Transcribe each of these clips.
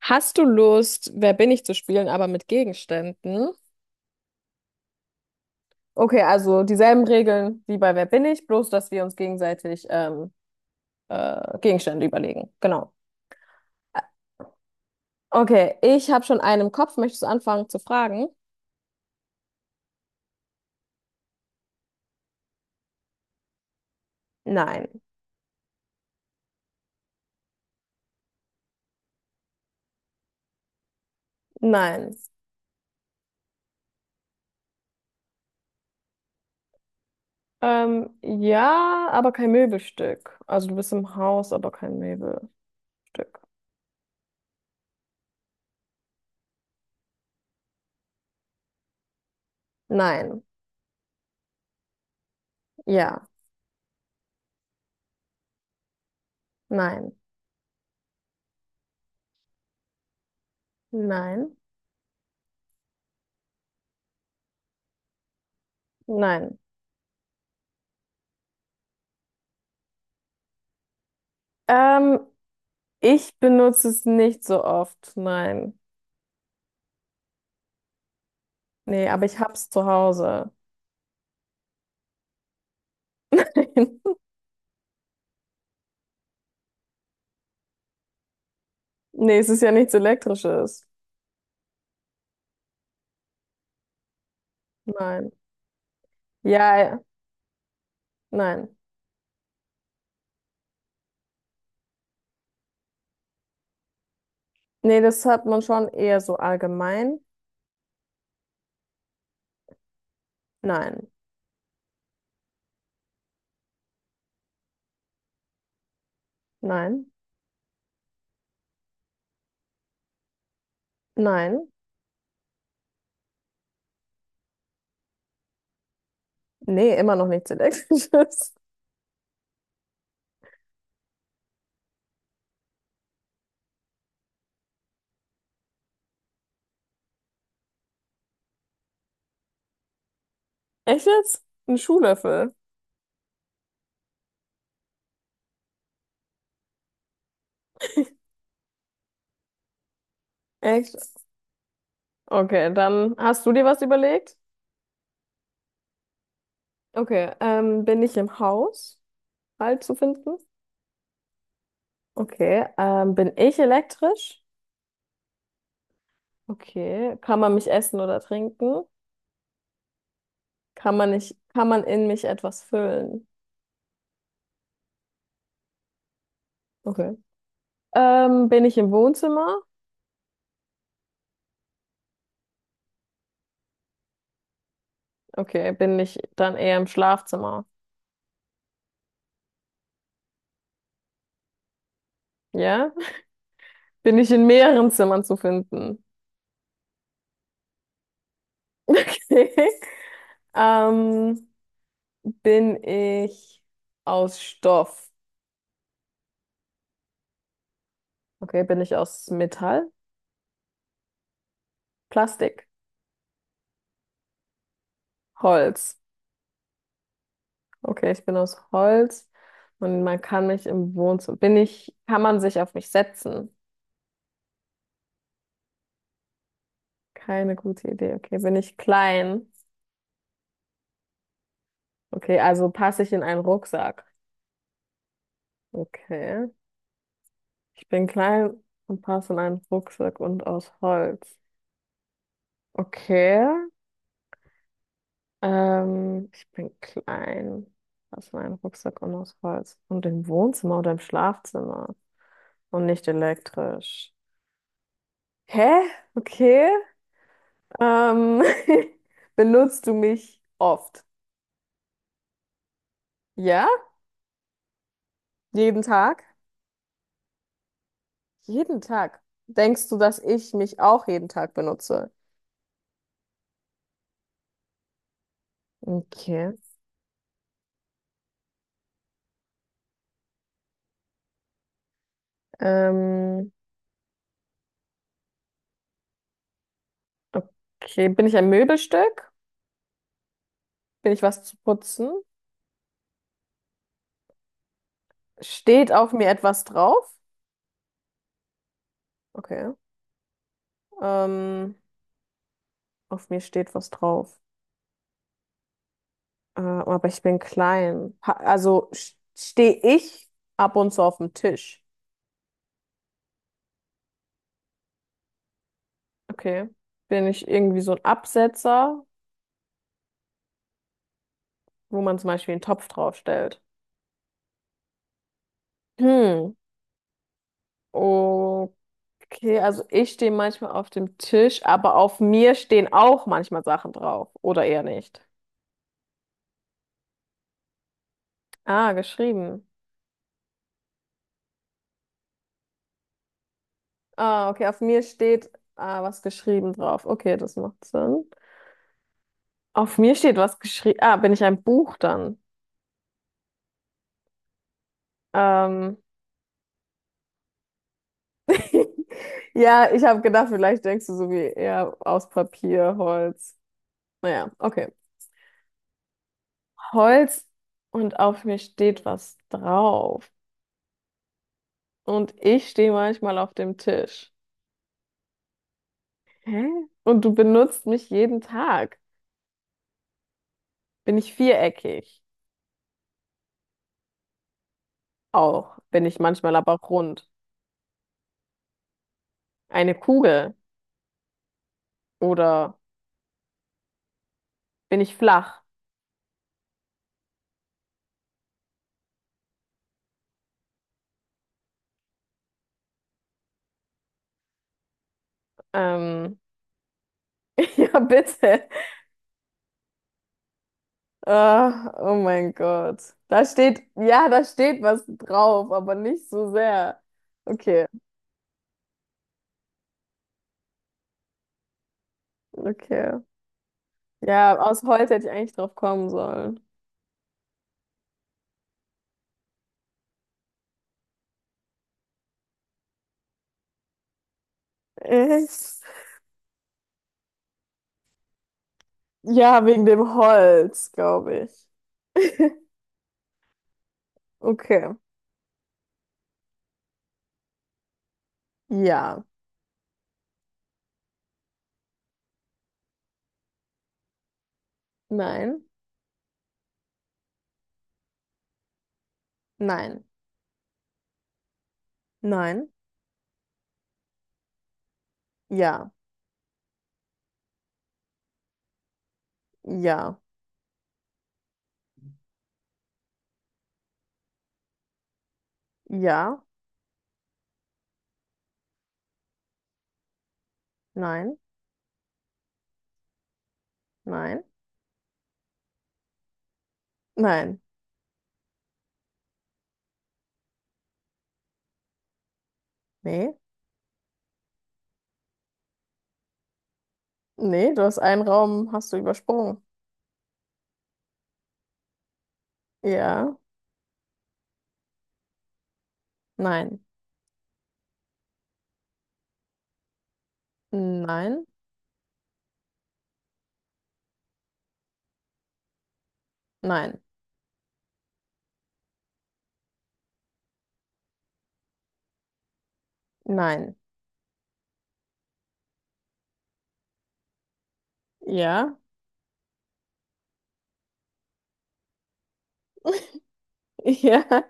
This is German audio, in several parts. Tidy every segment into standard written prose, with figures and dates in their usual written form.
Hast du Lust, Wer bin ich zu spielen, aber mit Gegenständen? Okay, also dieselben Regeln wie bei Wer bin ich, bloß dass wir uns gegenseitig Gegenstände überlegen. Genau. Okay, ich habe schon einen im Kopf. Möchtest du anfangen zu fragen? Nein, nein. Ja, aber kein Möbelstück. Also du bist im Haus, aber kein Möbelstück. Nein, ja, nein, nein, nein. Ähm, Ich benutze es nicht so oft. Nein. Nee, aber ich hab's zu Hause. Nee, es ist ja nichts Elektrisches. Nein. Ja, ja, nein. Nee, das hat man schon eher so allgemein. Nein, nein, nein. Nee, immer noch nichts Elektrisches. Echt jetzt? Ein Schuhlöffel. Echt? Okay, dann hast du dir was überlegt? Okay, bin ich im Haus halt zu finden? Okay, bin ich elektrisch? Okay, kann man mich essen oder trinken? Kann man nicht, kann man in mich etwas füllen? Okay. Bin ich im Wohnzimmer? Okay, bin ich dann eher im Schlafzimmer? Ja? Bin ich in mehreren Zimmern zu finden? Okay. Ähm, Bin ich aus Stoff? Okay, bin ich aus Metall? Plastik? Holz? Okay, ich bin aus Holz und man kann mich im Wohnzimmer. Bin ich, kann man sich auf mich setzen? Keine gute Idee. Okay, bin ich klein? Okay, also passe ich in einen Rucksack. Okay. Ich bin klein und passe in einen Rucksack und aus Holz. Okay. Ich bin klein, passe in einen Rucksack und aus Holz. Und im Wohnzimmer oder im Schlafzimmer. Und nicht elektrisch. Hä? Okay. Ähm, benutzt du mich oft? Ja? Jeden Tag? Jeden Tag. Denkst du, dass ich mich auch jeden Tag benutze? Okay. Ähm, okay, bin ich ein Möbelstück? Bin ich was zu putzen? Steht auf mir etwas drauf? Okay. Ähm, auf mir steht was drauf. Aber ich bin klein. Ha also stehe ich ab und zu auf dem Tisch. Okay. Bin ich irgendwie so ein Absetzer, wo man zum Beispiel einen Topf draufstellt? Hm. Okay, also ich stehe manchmal auf dem Tisch, aber auf mir stehen auch manchmal Sachen drauf. Oder eher nicht. Ah, geschrieben. Ah, okay, auf mir steht was geschrieben drauf. Okay, das macht Sinn. Auf mir steht was geschrieben. Ah, bin ich ein Buch dann? Ähm, ja, ich habe gedacht, vielleicht denkst du so wie eher aus Papier, Holz. Naja, okay. Holz und auf mir steht was drauf. Und ich stehe manchmal auf dem Tisch. Hä? Und du benutzt mich jeden Tag. Bin ich viereckig? Auch. Bin ich manchmal aber rund. Eine Kugel? Oder bin ich flach? Ähm, ja, bitte. Ah, oh mein Gott. Da steht, ja, da steht was drauf, aber nicht so sehr. Okay, okay. Ja, aus Holz hätte ich eigentlich drauf kommen sollen. Echt? Ja, wegen dem Holz, glaube ich. Okay. Ja. Nein. Nein. Nein. Ja. Ja. Ja. Nein. Nein. Nein. Nee. Nee, du hast einen Raum, hast du übersprungen. Ja. Nein. Nein, nein, nein. Ja, ja,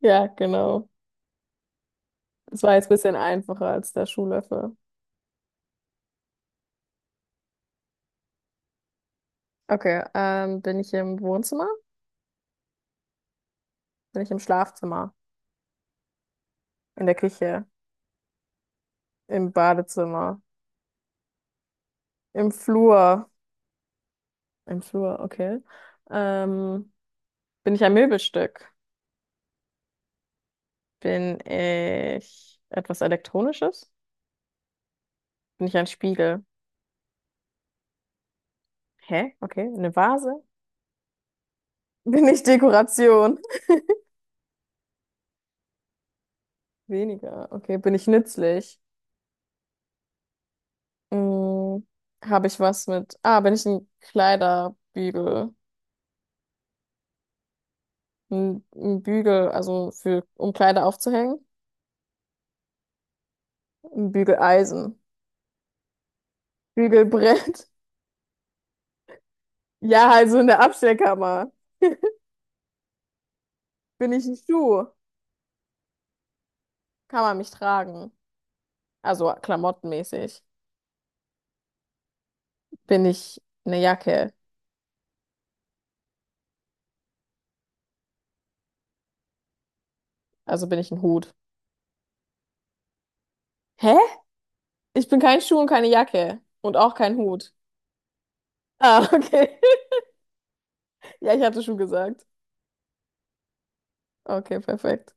ja, genau. Das war jetzt ein bisschen einfacher als der Schuhlöffel. Okay, bin ich im Wohnzimmer? Bin ich im Schlafzimmer? In der Küche? Im Badezimmer? Im Flur? Im Flur, okay. Ähm, Bin ich ein Möbelstück? Bin ich etwas Elektronisches? Bin ich ein Spiegel? Hä? Okay, eine Vase? Bin ich Dekoration? Weniger. Okay, bin ich nützlich? Mm, habe ich was mit. Ah, bin ich ein Kleiderbügel? Ein Bügel, also für, um Kleider aufzuhängen? Ein Bügeleisen. Bügelbrett. Ja, also in der Abstellkammer. Bin ich ein Schuh? Kann man mich tragen? Also klamottenmäßig. Bin ich eine Jacke? Also bin ich ein Hut? Hä? Ich bin kein Schuh und keine Jacke. Und auch kein Hut. Ah, okay. Ja, ich hatte Schuh gesagt. Okay, perfekt.